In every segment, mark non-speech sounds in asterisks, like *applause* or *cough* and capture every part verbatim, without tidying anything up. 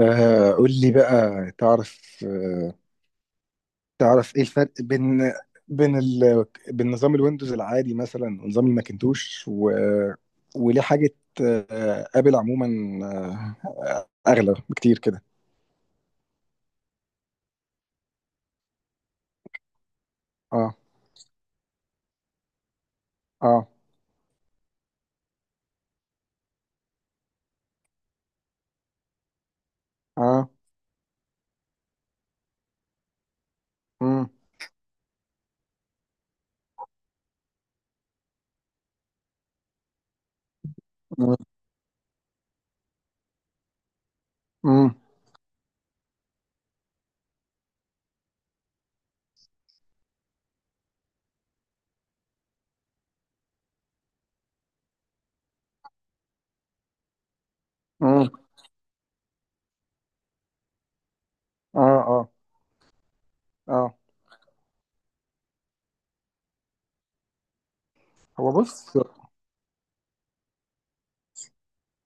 آه قول لي بقى. تعرف آه تعرف ايه الفرق بين بين ال... بين نظام الويندوز العادي مثلا ونظام الماكنتوش و... وليه حاجة؟ آه ابل عموما آه اغلى بكتير كده. اه. اه. اه. امم. امم. امم. امم. اه. اه. اه. هو بص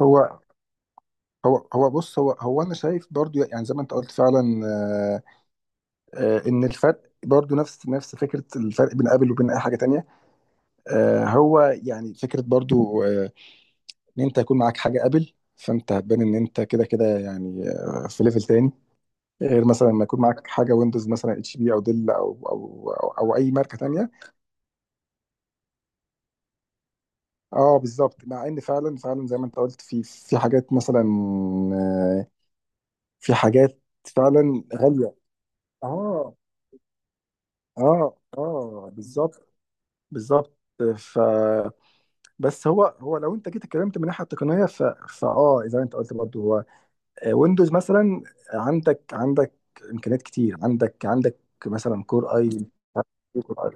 هو هو هو بص هو هو انا شايف برضو، يعني زي ما انت قلت فعلا. آه آه ان الفرق برضو نفس نفس فكرة الفرق بين ابل وبين اي حاجة تانية. آه، هو يعني فكرة برضو، آه، ان انت يكون معاك حاجة ابل فانت هتبان ان انت كده كده، يعني آه، في ليفل تاني. غير مثلا لما يكون معاك حاجة ويندوز، مثلا اتش بي او ديل او او او, أو اي ماركة تانية. اه، بالظبط. مع ان فعلا فعلا زي ما انت قلت، في في حاجات مثلا، آه، في حاجات فعلا غالية. اه. اه. اه، بالظبط. بالظبط. ف بس هو هو لو انت جيت اتكلمت من الناحيه التقنيه، ف... فاه زي ما انت قلت برضه. هو ويندوز مثلا عندك عندك امكانيات كتير، عندك عندك مثلا كور اي. كور اي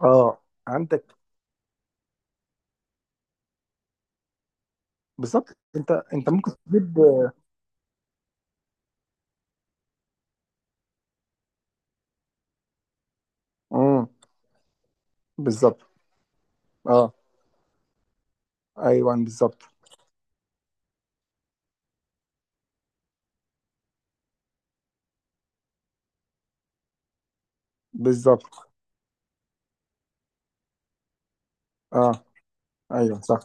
اه عندك. بالظبط. انت انت ممكن تجيب. امم. بالظبط. اه. ايوه، بالظبط. بالظبط. اه. ايوه، صح.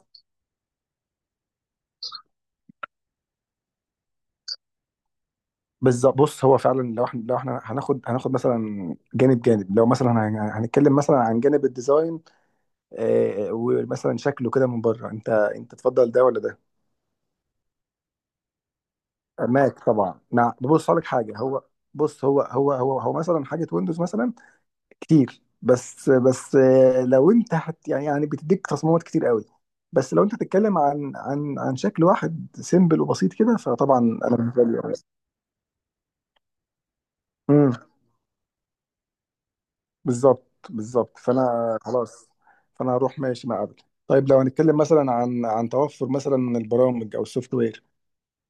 بالظبط. بص، هو فعلا لو احنا لو احنا هناخد هناخد مثلا جانب جانب لو مثلا هن- هنتكلم مثلا عن جانب الديزاين، آه ومثلا شكله كده من بره. انت انت تفضل ده ولا ده؟ ماك طبعا. مع بص، هقول لك حاجه. هو بص هو هو هو هو مثلا حاجه ويندوز، مثلا كتير. بس بس آه، لو انت هت يعني يعني بتديك تصميمات كتير قوي. بس لو انت هتتكلم عن عن عن شكل واحد سيمبل وبسيط كده، فطبعا انا بالنسبه لي. امم. بالظبط. بالظبط. فانا خلاص، فانا هروح ماشي مع ابل. طيب، لو هنتكلم مثلا عن عن توفر مثلا البرامج او السوفت وير،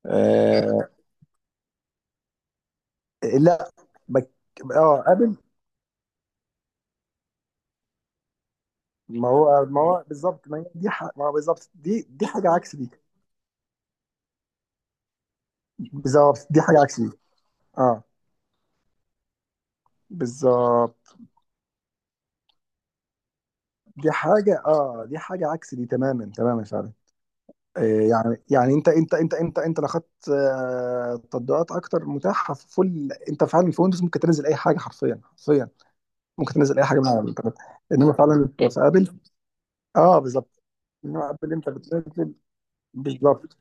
آه. لا. بك اه ابل. ما هو، ما هو بالظبط، ما هي دي ح... ما هو بالظبط. دي دي حاجة عكس دي. بالظبط، دي حاجة عكس دي. اه، بالظبط. دي حاجة اه دي حاجة عكس دي تماما تماما فعلا. آه يعني يعني انت انت انت انت انت لو خدت آه تطبيقات اكتر متاحة في فل، انت فعلا في ويندوز ممكن تنزل اي حاجة، حرفيا حرفيا ممكن تنزل اي حاجة من على الانترنت. انما فعلا في ابل. اه، بالظبط. انما ابل انت بتنزل. بالظبط.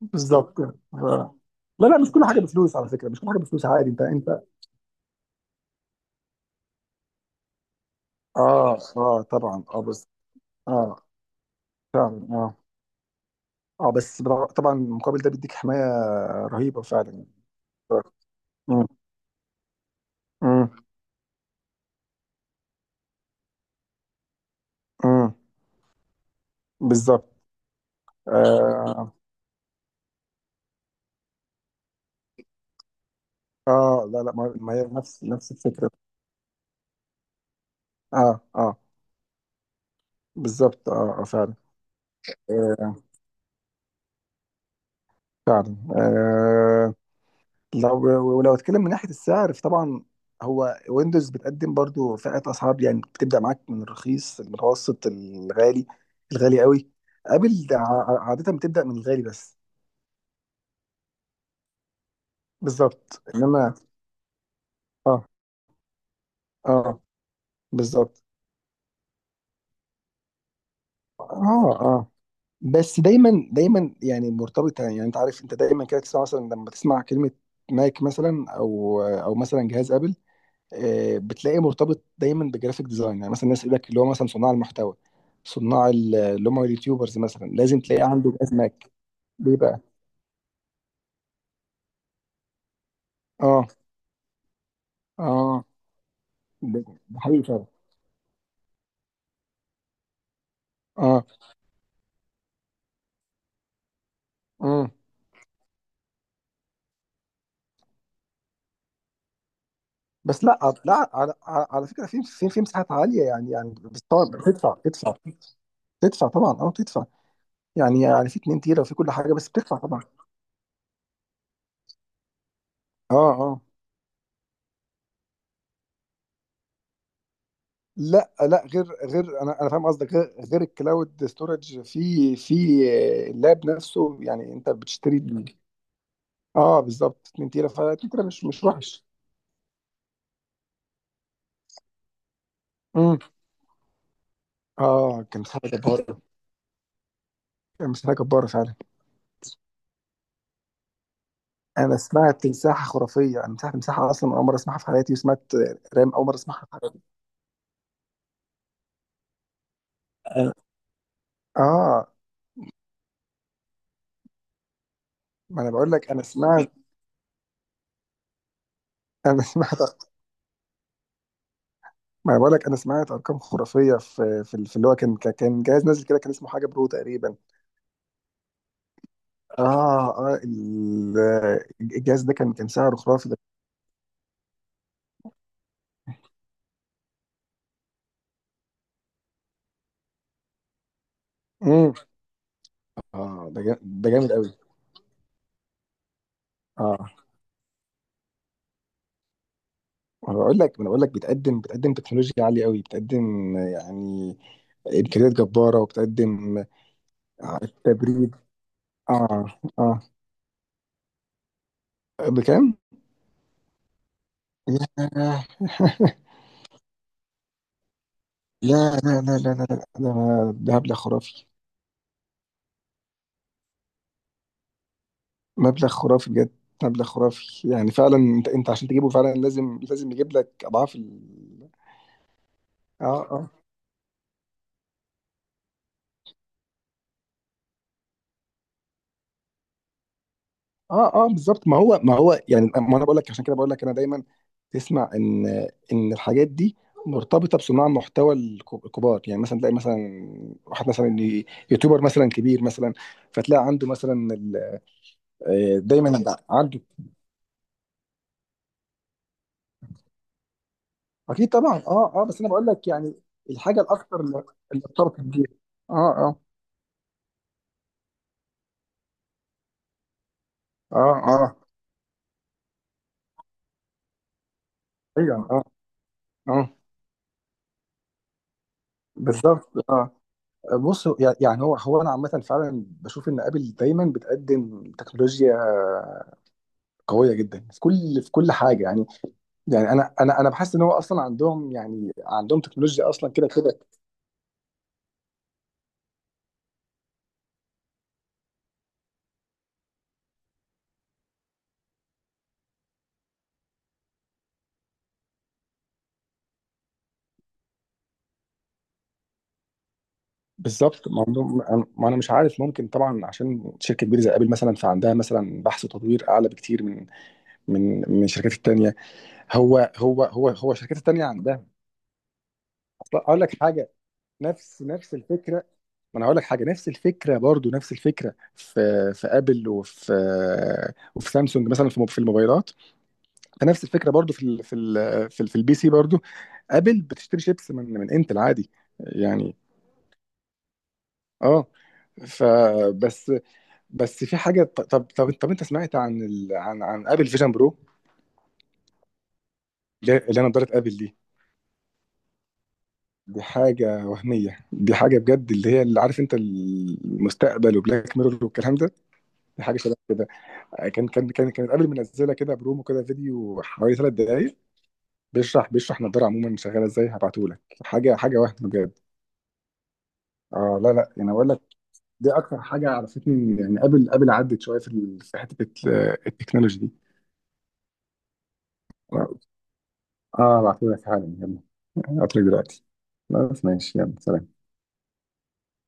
بالظبط. آه. لا، لا، مش كل حاجة بفلوس على فكرة، مش كل حاجة بفلوس عادي. انت انت اه. اه، طبعا. اه بس. اه، فعلا. اه. اه، بس برا- طبعا المقابل ده بيديك حماية رهيبة فعلا يعني. مم. مم. مم. بالظبط. آه, اه. لا لا، ما ما هي نفس نفس الفكرة. اه. اه، بالظبط. اه. اه، فعلا. آه، فعلا. آه لو، ولو اتكلم من ناحيه السعر، فطبعا هو ويندوز بتقدم برضو فئات اسعار، يعني بتبدا معاك من الرخيص، المتوسط، الغالي، الغالي قوي. ابل ع- عاده بتبدا من الغالي بس. بالظبط. انما اه. اه، بالظبط. اه. اه، بس دايما دايما يعني مرتبطه، يعني انت عارف، انت دايما كده تسمع مثلا، لما تسمع كلمه ماك مثلا، او او مثلا جهاز ابل، آه، بتلاقيه مرتبط دايما بجرافيك ديزاين. يعني مثلا الناس يقول لك، اللي هو مثلا صناع المحتوى، صناع ال- اللي هم اليوتيوبرز، مثلا لازم تلاقي عنده جهاز ماك. ليه بقى؟ اه. اه، ده ده حقيقي فعلا. اه. امم. بس لا، لا على, على, على فكره، في في في مساحات عاليه يعني، يعني بس طبعا بتدفع. تدفع. تدفع طبعا. اه، تدفع. يعني يعني في اتنين تيرا وفي كل حاجه، بس بتدفع طبعا. اه. اه. لا لا، غير غير انا انا فاهم قصدك. غير غير الكلاود ستورج، في في اللاب نفسه. يعني انت بتشتري ال- اه، بالظبط. اتنين تيرا، ف اتنين تيرا مش مش وحش. امم. اه، كان مساحه جباره. كان مساحه جباره فعلا. انا سمعت مساحه خرافيه. انا سمعت مساحه، اصلا اول مره اسمعها في حياتي، وسمعت رام اول مره اسمعها في حياتي. أنا- اه. ما انا بقول لك، انا سمعت. انا *laughs* سمعت. ما انا بقول لك، انا سمعت ارقام خرافيه في في في اللي هو، كان كان جهاز نازل كده، كان اسمه حاجه برو تقريبا. اه. اه ال- الجهاز ده، كان كان سعره خرافي ده. امم. اه، ده جا- ده جامد قوي. اه، انا بقول لك، انا بقول لك بتقدم، بتقدم تكنولوجيا عاليه قوي، بتقدم يعني امكانيات جباره، وبتقدم تبريد. اه. اه. بكام؟ ياه. *laughs* لا لا لا لا لا. لا، ده ده مبلغ خرافي. مبلغ خرافي بجد. مبلغ خرافي يعني. فعلا انت، انت عشان تجيبه فعلا لازم، لازم يجيب لك اضعاف ال... اه. اه. اه. اه، بالظبط. ما هو، ما هو يعني، ما انا بقول لك، عشان كده بقول لك. انا دايما تسمع ان، ان الحاجات دي مرتبطه بصناع محتوى الك- الكبار. يعني مثلا تلاقي مثلا واحد مثلا ي- يوتيوبر مثلا كبير مثلا، فتلاقي عنده مثلا ال- آه، دايما عنده. اكيد طبعا. اه. اه، بس انا بقول لك يعني الحاجه الاكثر اللي اللي ارتبطت بيها. اه. اه. اه. اه. ايوه. اه. اه، بالظبط. اه. بص، يعني هو هو انا عامه فعلا بشوف ان ابل دايما بتقدم تكنولوجيا قويه جدا في كل، في كل حاجه يعني. يعني انا انا انا بحس ان هو اصلا عندهم، يعني عندهم تكنولوجيا اصلا كده كده. بالظبط. ما عندهم. ما انا مش عارف. ممكن طبعا، عشان شركه كبيره زي ابل، مثلا فعندها مثلا بحث وتطوير اعلى بكتير من، من من الشركات التانيه. هو هو هو هو الشركات التانيه عندها اصلا. اقول لك حاجه، نفس نفس الفكره. ما انا هقول لك حاجه، نفس الفكره برضو، نفس الفكره في، في ابل وفي، وفي سامسونج مثلا في، في الموبايلات. فنفس الفكره برضو في ال، في ال، في, ال في البي سي برضو. ابل بتشتري شيبس من من انتل عادي يعني. اه، فبس. بس في حاجه، ط- طب طب طب انت سمعت عن ال، عن عن ابل فيجن برو؟ اللي هي، اللي انا نضاره ابل دي. دي حاجه وهميه، دي حاجه بجد. اللي هي، اللي، عارف انت، المستقبل وبلاك ميرور والكلام ده. دي حاجه شبه كده. كان كان كان كانت ابل منزله كده برومو كده، فيديو حوالي ثلاث دقائق، بيشرح بيشرح نضاره عموما شغاله ازاي. هبعته لك حاجه، حاجه وهم بجد. اه. لا لا يعني انا بقول لك، دي اكتر حاجه عرفتني إن- يعني، قبل قبل عدت شويه في ال- في حته الت- التكنولوجي دي. اه، بعتهولك حالا. يلا، هبعتلك دلوقتي. خلاص، ماشي. يلا، سلام.